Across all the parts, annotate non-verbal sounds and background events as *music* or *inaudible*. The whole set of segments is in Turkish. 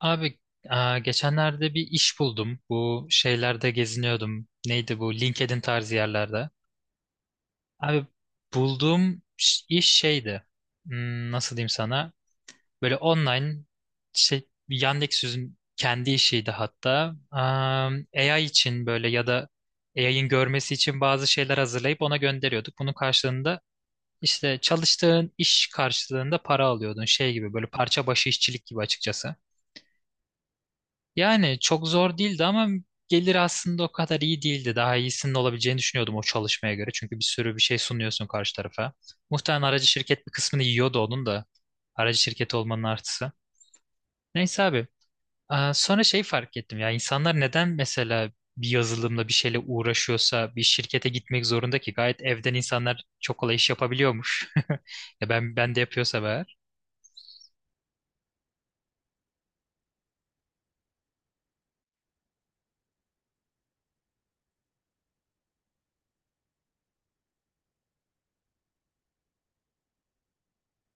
Abi geçenlerde bir iş buldum. Bu şeylerde geziniyordum. Neydi bu? LinkedIn tarzı yerlerde. Abi bulduğum iş şeydi. Hmm, nasıl diyeyim sana? Böyle online şey Yandex'in kendi işiydi hatta. AI için böyle ya da AI'ın görmesi için bazı şeyler hazırlayıp ona gönderiyorduk. Bunun karşılığında işte çalıştığın iş karşılığında para alıyordun. Şey gibi böyle parça başı işçilik gibi açıkçası. Yani çok zor değildi ama gelir aslında o kadar iyi değildi. Daha iyisinin olabileceğini düşünüyordum o çalışmaya göre. Çünkü bir sürü bir şey sunuyorsun karşı tarafa. Muhtemelen aracı şirket bir kısmını yiyordu onun da. Aracı şirketi olmanın artısı. Neyse abi. Sonra şey fark ettim ya insanlar neden mesela bir yazılımla bir şeyle uğraşıyorsa bir şirkete gitmek zorunda ki gayet evden insanlar çok kolay iş yapabiliyormuş. *laughs* Ya ben de yapıyorsa eğer.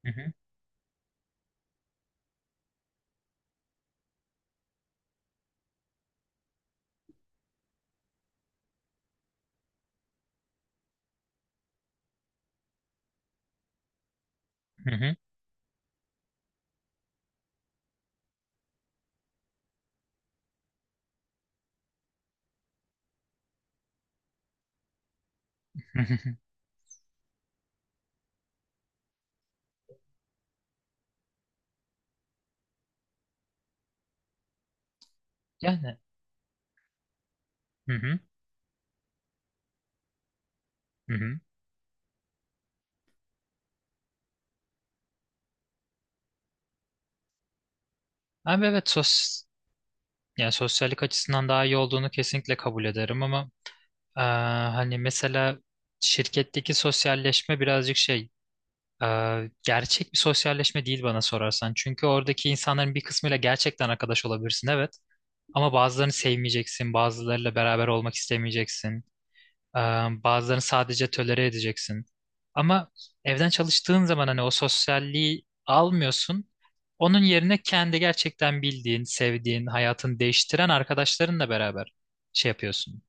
Hı hı, hı hı, *laughs* hı hı. Yani. Hı hı, hı hı. Abi evet sos. Yani sosyallik açısından daha iyi olduğunu kesinlikle kabul ederim ama eee, hani mesela şirketteki sosyalleşme birazcık şey gerçek bir sosyalleşme değil bana sorarsan. Çünkü oradaki insanların bir kısmıyla gerçekten arkadaş olabilirsin, evet, ama bazılarını sevmeyeceksin, bazılarıyla beraber olmak istemeyeceksin. Ee, Bazılarını sadece tölere edeceksin. Ama evden çalıştığın zaman hani o sosyalliği almıyorsun. Onun yerine kendi gerçekten bildiğin, sevdiğin, hayatını değiştiren arkadaşlarınla beraber şey yapıyorsun.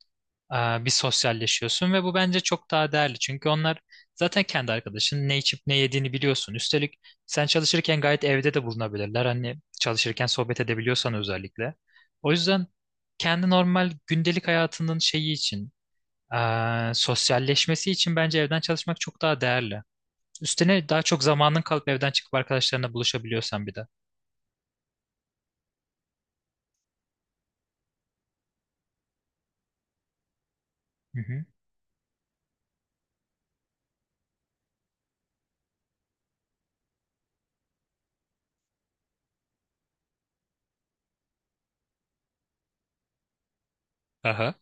Ee, Bir sosyalleşiyorsun ve bu bence çok daha değerli. Çünkü onlar zaten kendi arkadaşın, ne içip ne yediğini biliyorsun. Üstelik sen çalışırken gayet evde de bulunabilirler. Hani çalışırken sohbet edebiliyorsan özellikle. O yüzden kendi normal gündelik hayatının şeyi için sosyalleşmesi için bence evden çalışmak çok daha değerli. Üstüne daha çok zamanın kalıp evden çıkıp arkadaşlarına buluşabiliyorsan bir de. Hı hı. Aha.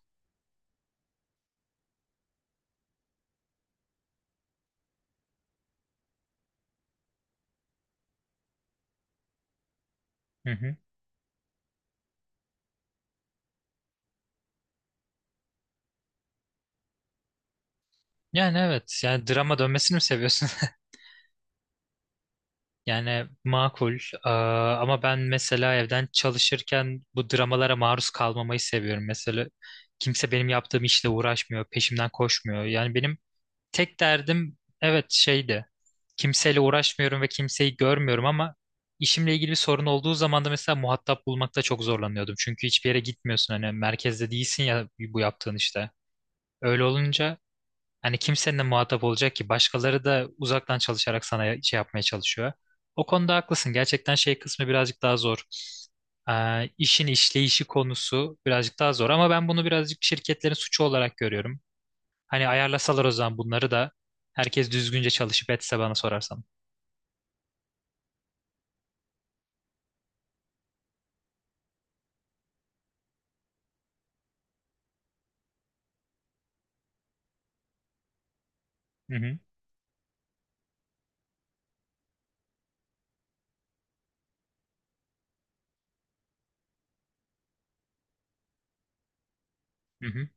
Hı hı. Yani evet, yani drama dönmesini mi seviyorsun? *laughs* Yani makul. Ama ben mesela evden çalışırken bu dramalara maruz kalmamayı seviyorum. Mesela kimse benim yaptığım işle uğraşmıyor, peşimden koşmuyor. Yani benim tek derdim evet şeydi. Kimseyle uğraşmıyorum ve kimseyi görmüyorum ama işimle ilgili bir sorun olduğu zaman da mesela muhatap bulmakta çok zorlanıyordum. Çünkü hiçbir yere gitmiyorsun, hani merkezde değilsin ya bu yaptığın işte. Öyle olunca hani kimsenin de muhatap olacak ki, başkaları da uzaktan çalışarak sana şey yapmaya çalışıyor. O konuda haklısın. Gerçekten şey kısmı birazcık daha zor. İşin işleyişi konusu birazcık daha zor ama ben bunu birazcık şirketlerin suçu olarak görüyorum. Hani ayarlasalar o zaman bunları da herkes düzgünce çalışıp etse bana sorarsan. Hı hı. Hı hı.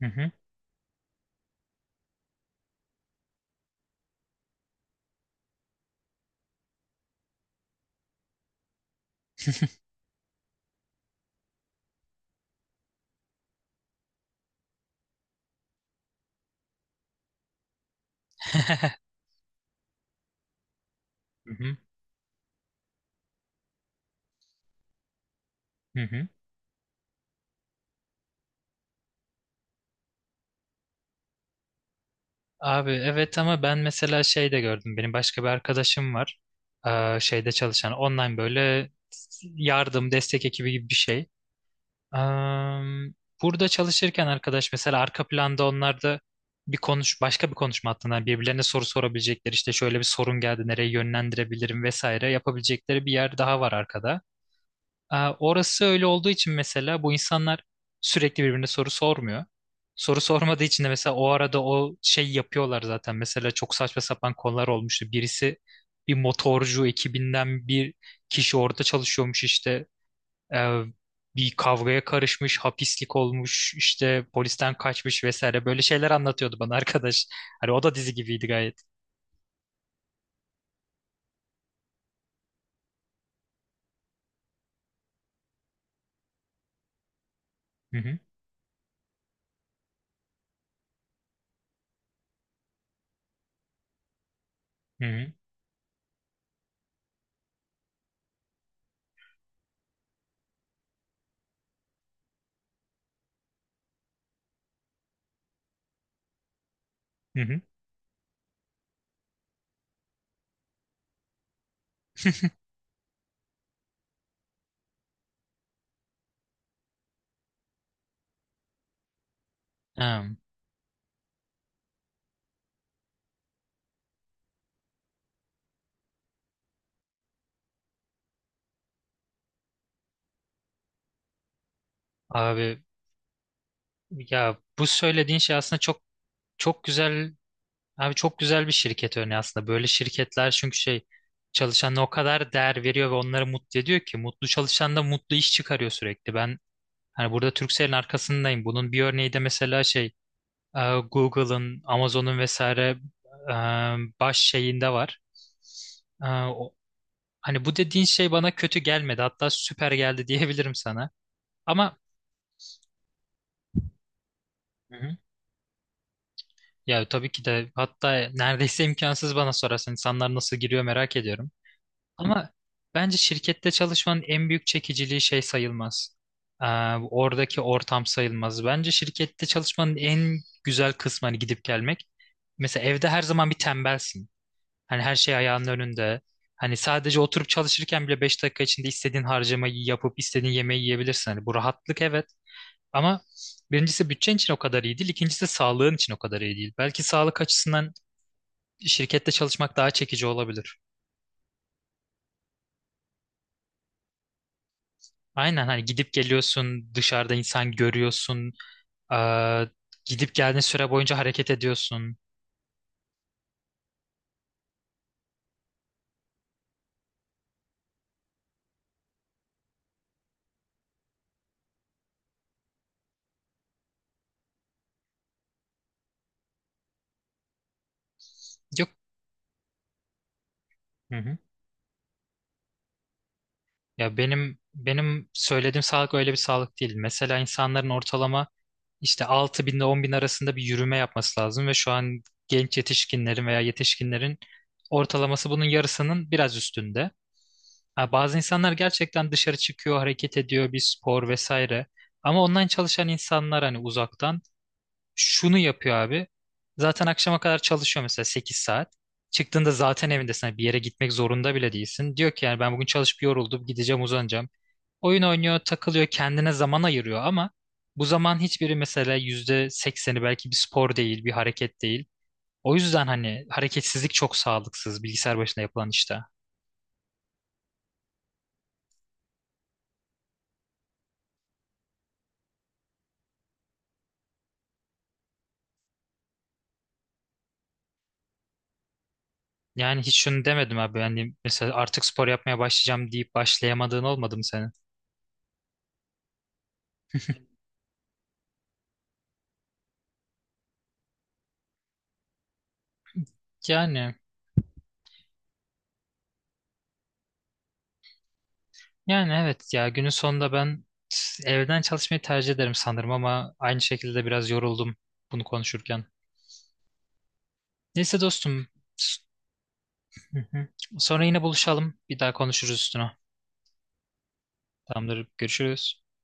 Hı hı. *laughs* Hı hı. Hı hı. Abi evet, ama ben mesela şey de gördüm. Benim başka bir arkadaşım var. Şeyde çalışan online böyle yardım, destek ekibi gibi bir şey. Ee, burada çalışırken arkadaş mesela arka planda onlar da bir konuş başka bir konuşma hattından birbirlerine soru sorabilecekleri, işte şöyle bir sorun geldi nereye yönlendirebilirim vesaire yapabilecekleri bir yer daha var arkada. Orası öyle olduğu için mesela bu insanlar sürekli birbirine soru sormuyor. Soru sormadığı için de mesela o arada o şey yapıyorlar zaten. Mesela çok saçma sapan konular olmuştu. Bir motorcu ekibinden bir kişi orada çalışıyormuş işte. Ee, bir kavgaya karışmış, hapislik olmuş, işte polisten kaçmış vesaire böyle şeyler anlatıyordu bana *laughs* arkadaş. Hani o da dizi gibiydi gayet. Hı hı, hı hı, hı hı. Ha, Abi ya bu söylediğin şey aslında çok güzel. Abi çok güzel bir şirket örneği aslında. Böyle şirketler çünkü şey çalışanına o kadar değer veriyor ve onları mutlu ediyor ki mutlu çalışan da mutlu iş çıkarıyor sürekli. Ben hani burada Turkcell'in arkasındayım. Bunun bir örneği de mesela şey e, Google'ın, Amazon'un vesaire e, baş şeyinde var. E, o- Hani bu dediğin şey bana kötü gelmedi. Hatta süper geldi, *laughs* diyebilirim sana. Ama. Hı hı. Ya tabii ki de, hatta neredeyse imkansız bana sorarsan, insanlar nasıl giriyor merak ediyorum. Ama bence şirkette çalışmanın en büyük çekiciliği şey sayılmaz. Ee, oradaki ortam sayılmaz. Bence şirkette çalışmanın en güzel kısmı hani gidip gelmek. Mesela evde her zaman bir tembelsin. Hani her şey ayağının önünde. Hani sadece oturup çalışırken bile 5 dakika içinde istediğin harcamayı yapıp istediğin yemeği yiyebilirsin. Hani bu rahatlık, evet. Ama birincisi bütçen için o kadar iyi değil. İkincisi sağlığın için o kadar iyi değil. Belki sağlık açısından şirkette çalışmak daha çekici olabilir. Aynen, hani gidip geliyorsun, dışarıda insan görüyorsun, eee, gidip geldiğin süre boyunca hareket ediyorsun. Yok. Hı hı. Ya benim söylediğim sağlık öyle bir sağlık değil. Mesela insanların ortalama işte 6.000 ile 10.000 arasında bir yürüme yapması lazım ve şu an genç yetişkinlerin veya yetişkinlerin ortalaması bunun yarısının biraz üstünde. Ha, bazı insanlar gerçekten dışarı çıkıyor, hareket ediyor, bir spor vesaire. Ama online çalışan insanlar hani uzaktan şunu yapıyor abi. Zaten akşama kadar çalışıyor mesela 8 saat. Çıktığında zaten evindesin. Hani bir yere gitmek zorunda bile değilsin. Diyor ki yani ben bugün çalışıp yoruldum. Gideceğim, uzanacağım. Oyun oynuyor, takılıyor, kendine zaman ayırıyor ama bu zaman hiçbiri, mesela %80'i belki, bir spor değil, bir hareket değil. O yüzden hani hareketsizlik çok sağlıksız, bilgisayar başında yapılan işte. Yani hiç şunu demedim abi. Yani mesela artık spor yapmaya başlayacağım deyip başlayamadığın olmadı mı senin? Yani. Yani evet ya, günün sonunda ben evden çalışmayı tercih ederim sanırım ama aynı şekilde biraz yoruldum bunu konuşurken. Neyse dostum. Hı hı. Sonra yine buluşalım. Bir daha konuşuruz üstüne. Tamamdır. Görüşürüz.